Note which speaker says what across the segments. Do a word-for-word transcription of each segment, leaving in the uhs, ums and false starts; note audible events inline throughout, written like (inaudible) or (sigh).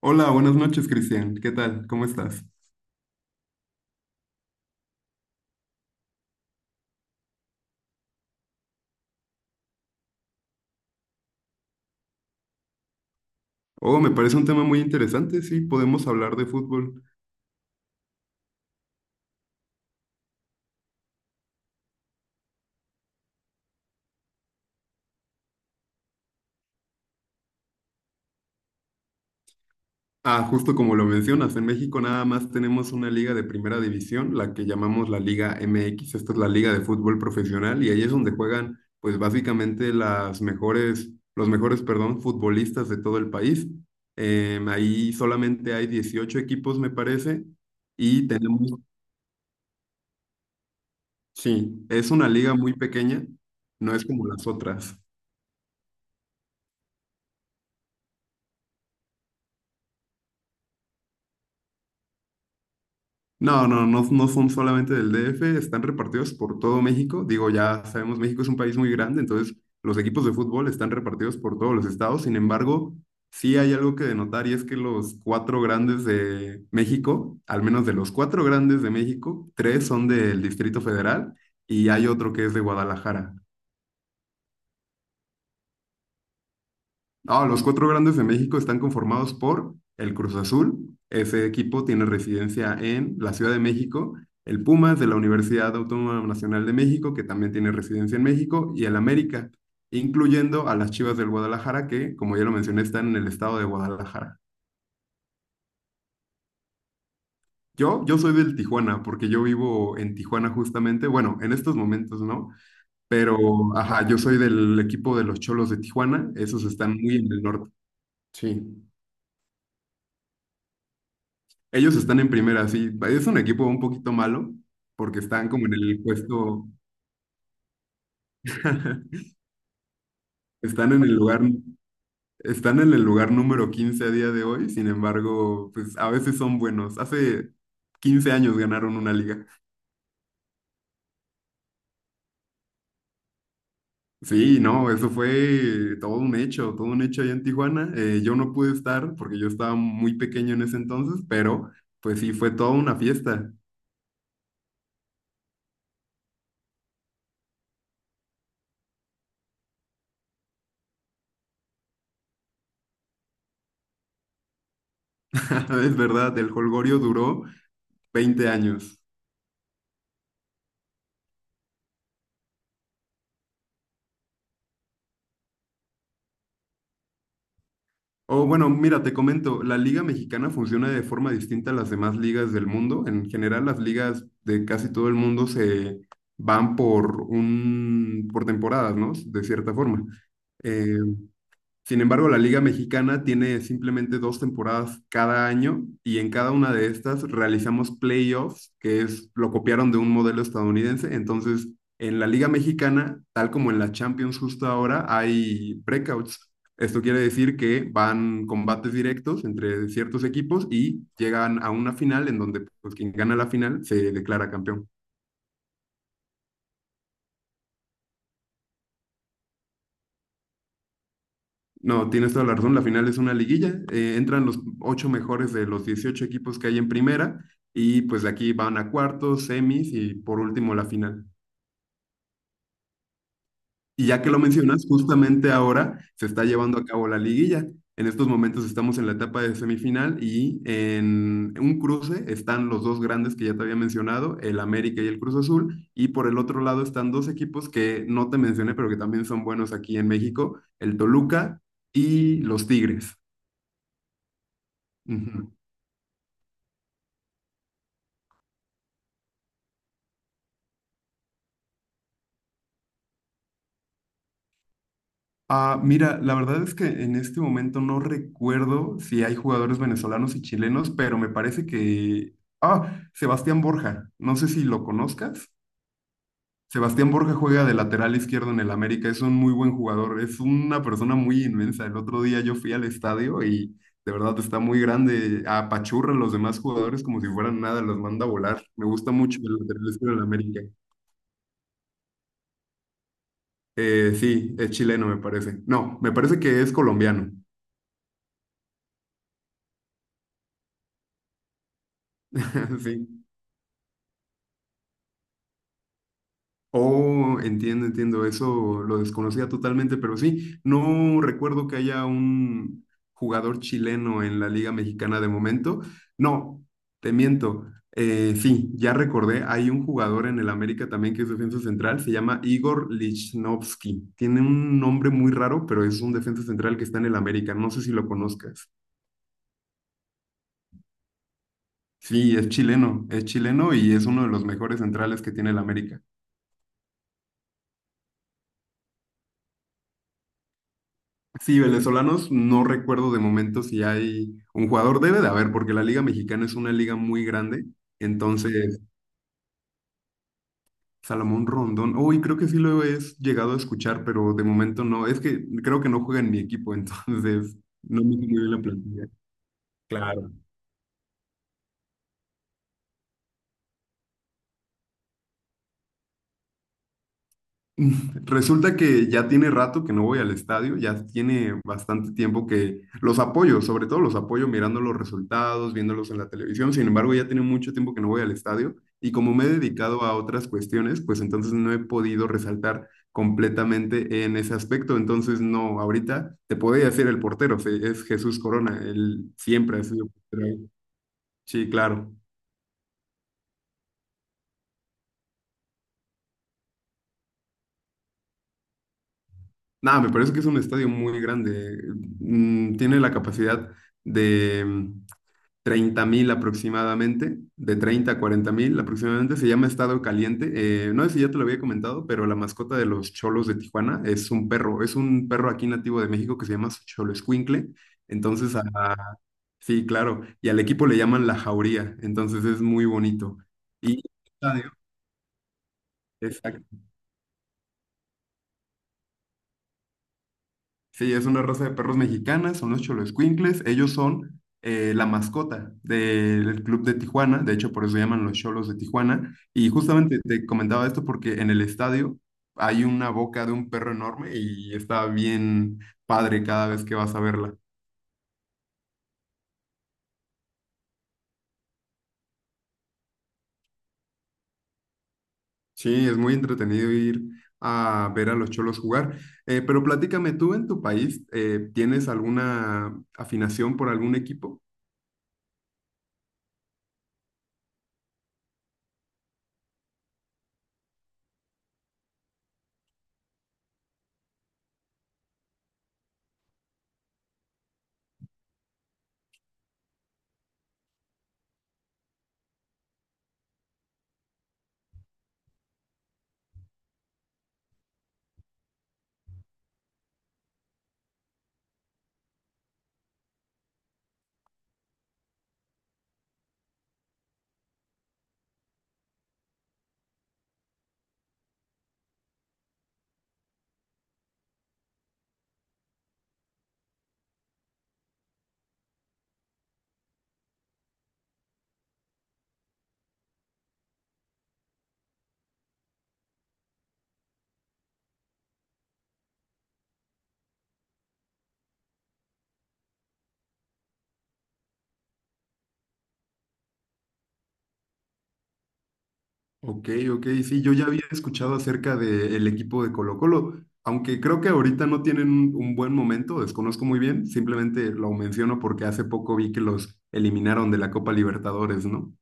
Speaker 1: Hola, buenas noches, Cristian. ¿Qué tal? ¿Cómo estás? Oh, me parece un tema muy interesante. Sí, podemos hablar de fútbol. Ah, justo como lo mencionas, en México nada más tenemos una liga de primera división, la que llamamos la Liga M X. Esta es la liga de fútbol profesional y ahí es donde juegan, pues básicamente las mejores, los mejores, perdón, futbolistas de todo el país. Em, ahí solamente hay dieciocho equipos, me parece, y tenemos, sí, es una liga muy pequeña, no es como las otras. No, no, no, no son solamente del D F, están repartidos por todo México. Digo, ya sabemos, México es un país muy grande, entonces los equipos de fútbol están repartidos por todos los estados. Sin embargo, sí hay algo que denotar y es que los cuatro grandes de México, al menos de los cuatro grandes de México, tres son del Distrito Federal y hay otro que es de Guadalajara. Ah, los cuatro grandes de México están conformados por el Cruz Azul, ese equipo tiene residencia en la Ciudad de México, el Pumas de la Universidad Autónoma Nacional de México, que también tiene residencia en México, y el América, incluyendo a las Chivas del Guadalajara, que, como ya lo mencioné, están en el estado de Guadalajara. Yo, yo soy del Tijuana, porque yo vivo en Tijuana justamente, bueno, en estos momentos no, pero, ajá, yo soy del equipo de los Cholos de Tijuana, esos están muy en el norte. Sí. Ellos están en primera, sí. Es un equipo un poquito malo porque están como en el puesto, (laughs) están en el lugar, están en el lugar número quince a día de hoy. Sin embargo, pues a veces son buenos. Hace quince años ganaron una liga. Sí, no, eso fue todo un hecho, todo un hecho allá en Tijuana. Eh, yo no pude estar porque yo estaba muy pequeño en ese entonces, pero pues sí, fue toda una fiesta. (laughs) Es verdad, el jolgorio duró veinte años. Oh, bueno, mira, te comento, la Liga Mexicana funciona de forma distinta a las demás ligas del mundo. En general, las ligas de casi todo el mundo se van por un, por temporadas, ¿no? De cierta forma. Eh, Sin embargo, la Liga Mexicana tiene simplemente dos temporadas cada año y en cada una de estas realizamos playoffs, que es lo copiaron de un modelo estadounidense. Entonces, en la Liga Mexicana, tal como en la Champions justo ahora, hay breakouts. Esto quiere decir que van combates directos entre ciertos equipos y llegan a una final en donde pues, quien gana la final se declara campeón. No, tienes toda la razón. La final es una liguilla. eh, entran los ocho mejores de los dieciocho equipos que hay en primera y pues de aquí van a cuartos, semis y por último la final. Y ya que lo mencionas, justamente ahora se está llevando a cabo la liguilla. En estos momentos estamos en la etapa de semifinal y en un cruce están los dos grandes que ya te había mencionado, el América y el Cruz Azul. Y por el otro lado están dos equipos que no te mencioné, pero que también son buenos aquí en México, el Toluca y los Tigres. Ujú. Ah, mira, la verdad es que en este momento no recuerdo si hay jugadores venezolanos y chilenos, pero me parece que. Ah, Sebastián Borja, no sé si lo conozcas. Sebastián Borja juega de lateral izquierdo en el América, es un muy buen jugador, es una persona muy inmensa. El otro día yo fui al estadio y de verdad está muy grande, apachurra a los demás jugadores como si fueran nada, los manda a volar. Me gusta mucho el lateral izquierdo en el América. Eh, sí, es chileno me parece. No, me parece que es colombiano. (laughs) Sí. Oh, entiendo, entiendo, eso lo desconocía totalmente, pero sí, no recuerdo que haya un jugador chileno en la Liga Mexicana de momento. No, te miento. Eh, sí, ya recordé, hay un jugador en el América también que es defensa central, se llama Igor Lichnowsky. Tiene un nombre muy raro, pero es un defensa central que está en el América, no sé si lo conozcas. Sí, es chileno, es chileno y es uno de los mejores centrales que tiene el América. Sí, venezolanos, no recuerdo de momento si hay un jugador, debe de haber, porque la Liga Mexicana es una liga muy grande. Entonces, Salomón Rondón, uy, creo que sí lo he es- llegado a escuchar, pero de momento no. Es que creo que no juega en mi equipo, (laughs) entonces no me sé muy bien la plantilla. Claro. Resulta que ya tiene rato que no voy al estadio, ya tiene bastante tiempo que los apoyo, sobre todo los apoyo mirando los resultados, viéndolos en la televisión, sin embargo ya tiene mucho tiempo que no voy al estadio y como me he dedicado a otras cuestiones, pues entonces no he podido resaltar completamente en ese aspecto, entonces no, ahorita te podría decir el portero, se- es Jesús Corona, él siempre ha sido portero ahí. Sí, claro. Nada, me parece que es un estadio muy grande, mm, tiene la capacidad de treinta mil aproximadamente, de treinta a cuarenta mil aproximadamente, se llama Estado Caliente. Eh, no sé si ya te lo había comentado, pero la mascota de los cholos de Tijuana es un perro, es un perro aquí nativo de México que se llama Xoloescuincle. Entonces, a- sí, claro, y al equipo le llaman la Jauría, entonces es muy bonito. Y, Sí, es una raza de perros mexicanas, son los Xoloescuincles. Ellos son eh, la mascota del club de Tijuana, de hecho por eso se llaman los Cholos de Tijuana. Y justamente te comentaba esto porque en el estadio hay una boca de un perro enorme y está bien padre cada vez que vas a verla. Sí, es muy entretenido ir a ver a los Cholos jugar. Eh, pero platícame, ¿tú en tu país eh, tienes alguna afinación por algún equipo? Ok, ok, sí, yo ya había escuchado acerca del equipo de Colo-Colo, aunque creo que ahorita no tienen un, un buen momento, desconozco muy bien, simplemente lo menciono porque hace poco vi que los eliminaron de la Copa Libertadores, ¿no?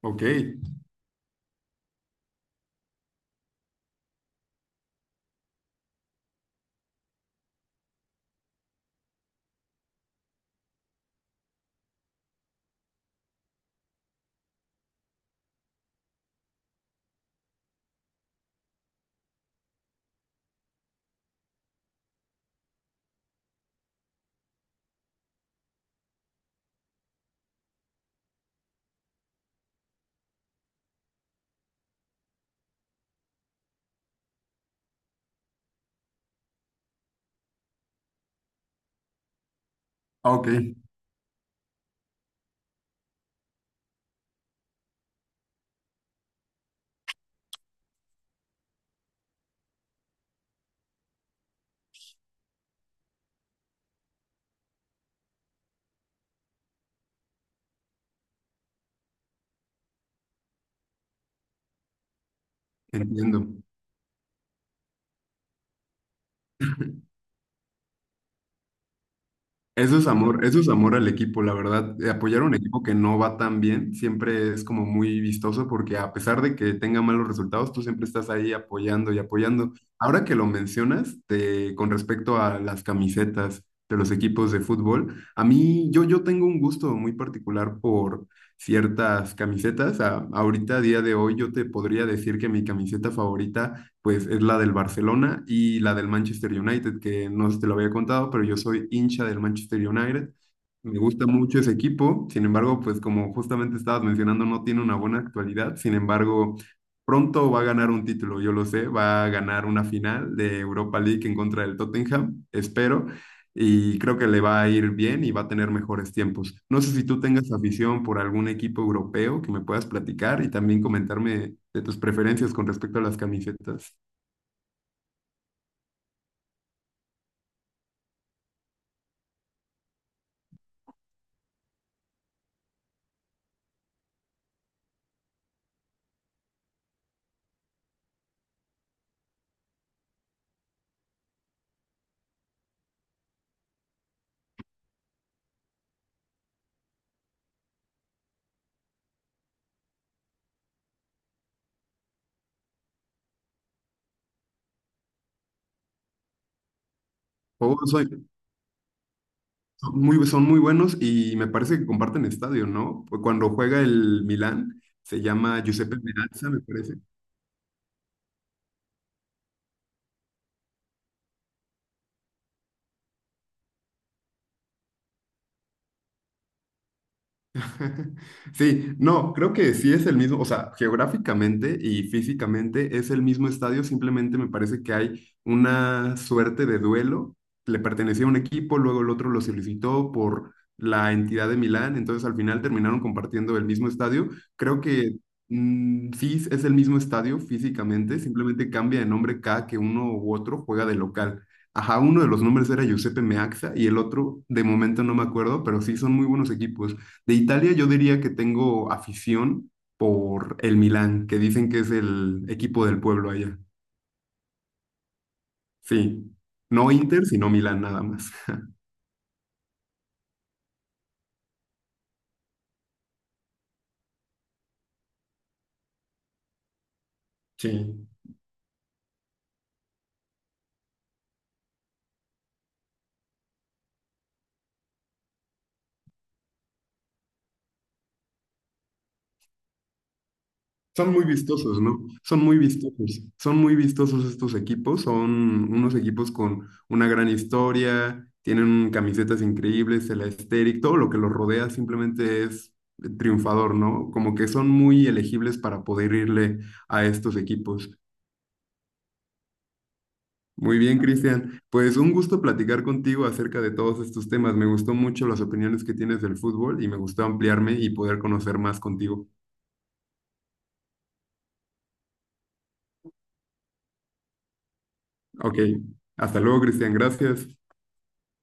Speaker 1: Ok, ah, ok, entiendo. Eso es amor, eso es amor al equipo, la verdad. Eh, Apoyar a un equipo que no va tan bien siempre es como muy vistoso porque a pesar de que tenga malos resultados, tú siempre estás ahí apoyando y apoyando. Ahora que lo mencionas, te- con respecto a las camisetas de los equipos de fútbol, a mí yo, yo tengo un gusto muy particular por ciertas camisetas. A- ahorita, a día de hoy, yo te podría decir que mi camiseta favorita pues es la del Barcelona y la del Manchester United, que no te lo había contado, pero yo soy hincha del Manchester United. Me gusta mucho ese equipo, sin embargo, pues como justamente estabas mencionando, no tiene una buena actualidad, sin embargo, pronto va a ganar un título, yo lo sé, va a ganar una final de Europa League en contra del Tottenham, espero, y creo que le va a ir bien y va a tener mejores tiempos. No sé si tú tengas afición por algún equipo europeo que me puedas platicar y también comentarme de tus preferencias con respecto a las camisetas. Oh, soy- Son muy, son muy buenos y me parece que comparten estadio, ¿no? Pues cuando juega el Milán, se llama Giuseppe Meazza, me parece. (laughs) Sí, no, creo que sí es el mismo, o sea, geográficamente y físicamente es el mismo estadio, simplemente me parece que hay una suerte de duelo, le pertenecía a un equipo, luego el otro lo solicitó por la entidad de Milán, entonces al final terminaron compartiendo el mismo estadio. Creo que mm, sí es el mismo estadio físicamente, simplemente cambia de nombre cada que uno u otro juega de local. Ajá, uno de los nombres era Giuseppe Meazza y el otro, de momento no me acuerdo, pero sí son muy buenos equipos. De Italia yo diría que tengo afición por el Milán, que dicen que es el equipo del pueblo allá. Sí, no Inter, sino Milán nada más. Sí, son muy vistosos, ¿no? Son muy vistosos, son muy vistosos estos equipos, son unos equipos con una gran historia, tienen camisetas increíbles, el aesthetic, todo lo que los rodea simplemente es triunfador, ¿no? Como que son muy elegibles para poder irle a estos equipos. Muy bien, Cristian. Pues un gusto platicar contigo acerca de todos estos temas. Me gustó mucho las opiniones que tienes del fútbol y me gustó ampliarme y poder conocer más contigo. Ok, hasta luego, Cristian. Gracias.